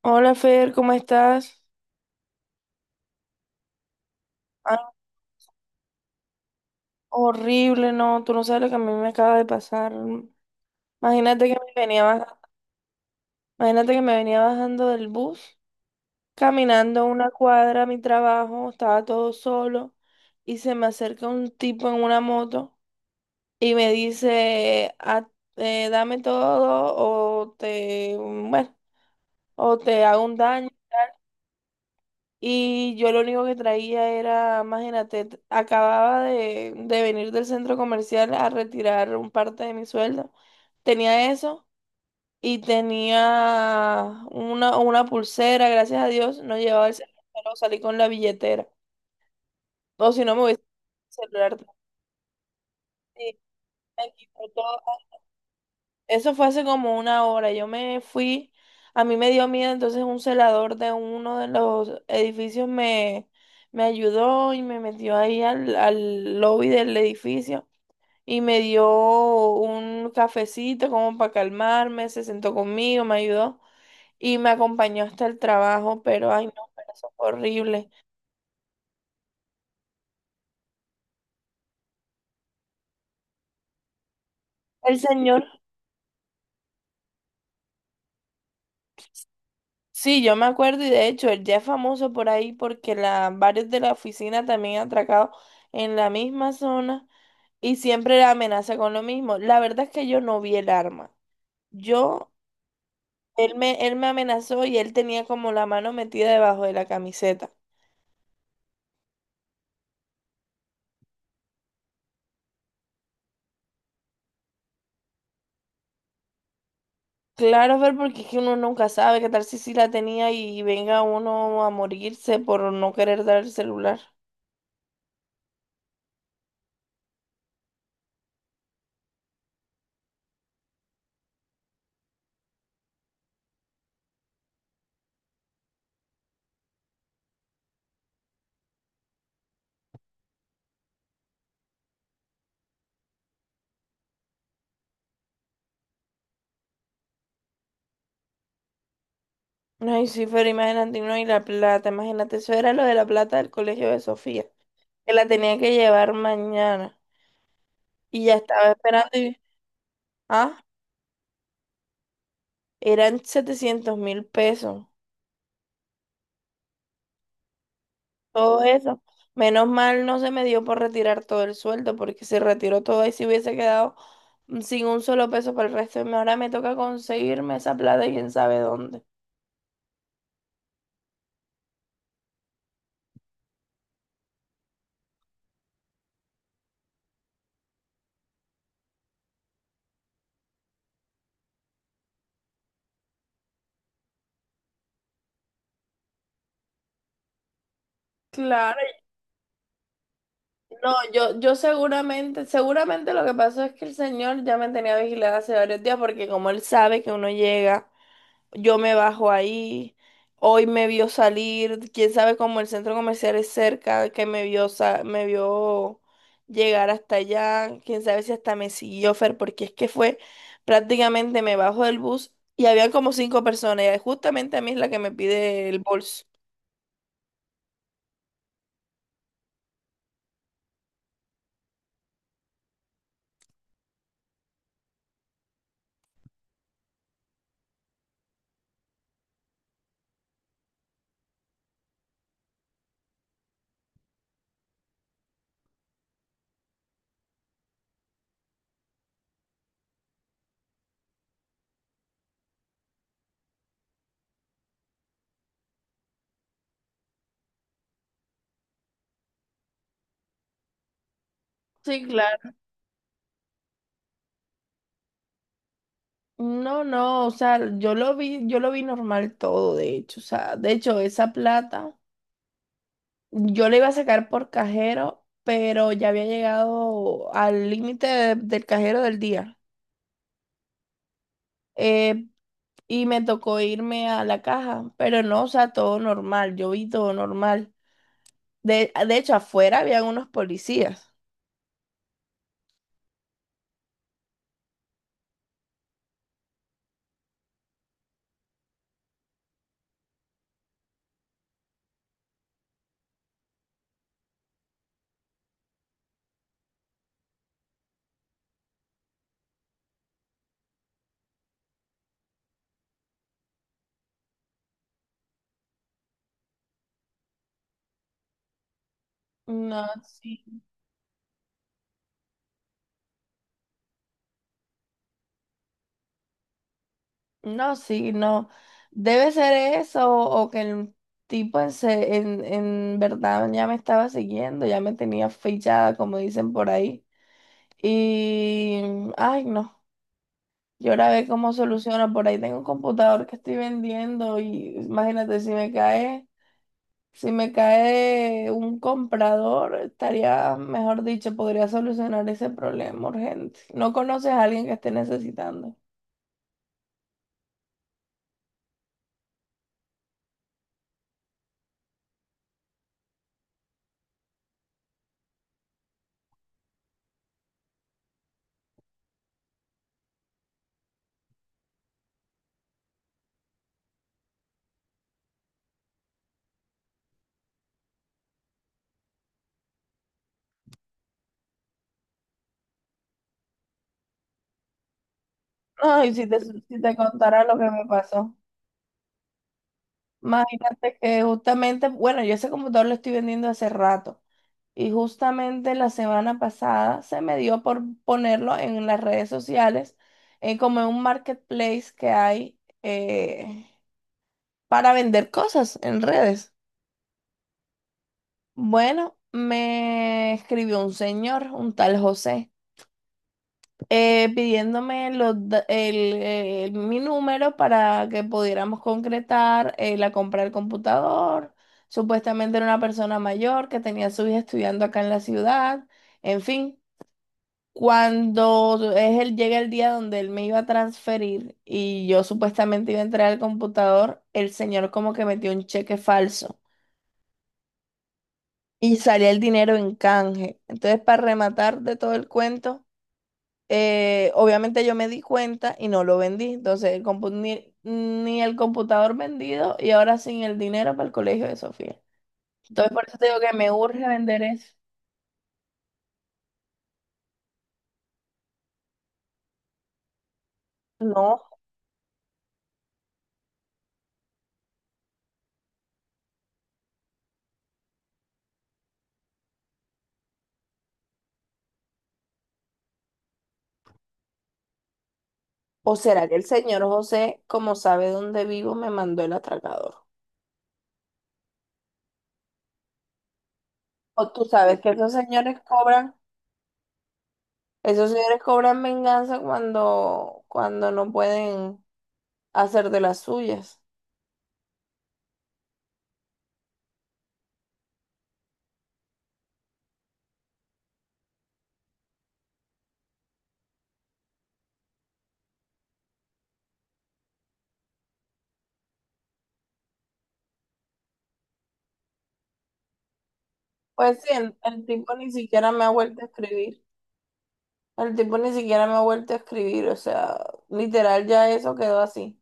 Hola, Fer, ¿cómo estás? Ah, horrible, no, tú no sabes lo que a mí me acaba de pasar. Imagínate que me venía bajando, imagínate que me venía bajando del bus, caminando una cuadra a mi trabajo, estaba todo solo y se me acerca un tipo en una moto y me dice, "Ah, dame todo o te, bueno, o te hago un daño." Y yo lo único que traía era, imagínate, acababa de venir del centro comercial a retirar un parte de mi sueldo. Tenía eso y tenía una pulsera, gracias a Dios, no llevaba el celular, pero salí con la billetera. O si no, me hubiese el celular. Sí, me quitó todo. Eso fue hace como una hora. Yo me fui, a mí me dio miedo, entonces un celador de uno de los edificios me, me ayudó y me metió ahí al lobby del edificio y me dio un cafecito como para calmarme, se sentó conmigo, me ayudó y me acompañó hasta el trabajo, pero ay no, pero eso fue horrible. El señor. Sí, yo me acuerdo y de hecho él ya es famoso por ahí porque la, varios de la oficina también han atracado en la misma zona y siempre la amenaza con lo mismo. La verdad es que yo no vi el arma. Yo, él me amenazó y él tenía como la mano metida debajo de la camiseta. Claro, Fer, porque es que uno nunca sabe qué tal si sí la tenía y venga uno a morirse por no querer dar el celular. Ay, sí, Fer, imagínate, no, y la plata, imagínate, eso era lo de la plata del colegio de Sofía, que la tenía que llevar mañana y ya estaba esperando y, ah, eran 700.000 pesos, todo eso. Menos mal no se me dio por retirar todo el sueldo porque se retiró todo y si hubiese quedado sin un solo peso para el resto de mi- Ahora me toca conseguirme esa plata y quién sabe dónde. Claro, no, yo, seguramente lo que pasó es que el señor ya me tenía vigilada hace varios días porque como él sabe que uno llega, yo me bajo ahí. Hoy me vio salir, quién sabe cómo, el centro comercial es cerca, que me vio, me vio llegar hasta allá, quién sabe si hasta me siguió, Fer, porque es que fue prácticamente me bajo del bus y había como cinco personas y justamente a mí es la que me pide el bolso. Sí, claro. No, no, o sea, yo lo vi normal todo, de hecho, o sea, de hecho, esa plata. Yo le iba a sacar por cajero, pero ya había llegado al límite del cajero del día. Eh, y me tocó irme a la caja, pero no, o sea, todo normal. Yo vi todo normal. De hecho, afuera habían unos policías. No, sí. No, sí, no. Debe ser eso o que el tipo en verdad ya me estaba siguiendo, ya me tenía fichada, como dicen por ahí. Y, ay, no. Yo ahora ve cómo soluciono. Por ahí tengo un computador que estoy vendiendo y imagínate si me cae, si me cae un comprador, estaría, mejor dicho, podría solucionar ese problema urgente. No conoces a alguien que esté necesitando. No, y si te, si te contara lo que me pasó. Imagínate que justamente, bueno, yo ese computador lo estoy vendiendo hace rato. Y justamente la semana pasada se me dio por ponerlo en las redes sociales, como en un marketplace que hay, eh, para vender cosas en redes. Bueno, me escribió un señor, un tal José, pidiéndome mi número para que pudiéramos concretar la compra del computador. Supuestamente era una persona mayor que tenía a su hija estudiando acá en la ciudad, en fin. Cuando es el, llega el día donde él me iba a transferir y yo supuestamente iba a entrar al computador, el señor como que metió un cheque falso y salía el dinero en canje. Entonces, para rematar de todo el cuento, obviamente yo me di cuenta y no lo vendí. Entonces, el compu- ni, ni el computador vendido y ahora sin el dinero para el colegio de Sofía. Entonces, por eso te digo que me urge vender eso. No. ¿O será que el señor José, como sabe dónde vivo, me mandó el atracador? O tú sabes que esos señores cobran venganza cuando, cuando no pueden hacer de las suyas. Pues sí, el tipo ni siquiera me ha vuelto a escribir. El tipo ni siquiera me ha vuelto a escribir. O sea, literal ya eso quedó así.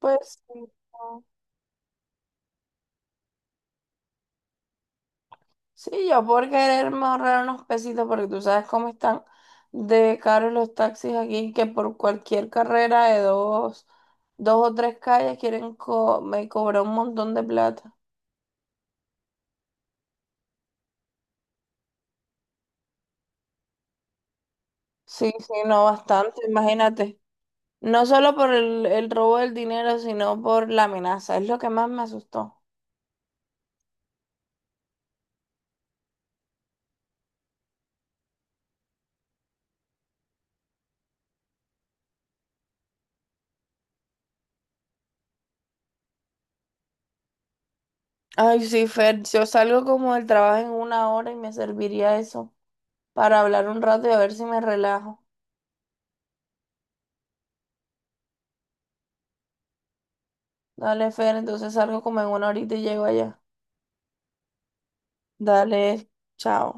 Pues no, sí, yo por quererme ahorrar unos pesitos, porque tú sabes cómo están de caros los taxis aquí, que por cualquier carrera de dos, dos o tres calles quieren me cobrar un montón de plata. Sí, sí, no, bastante, imagínate. No solo por el robo del dinero, sino por la amenaza. Es lo que más me asustó. Ay, sí, Fer, yo salgo como del trabajo en una hora y me serviría eso para hablar un rato y a ver si me relajo. Dale, Fer, entonces salgo como en una horita y llego allá. Dale, chao.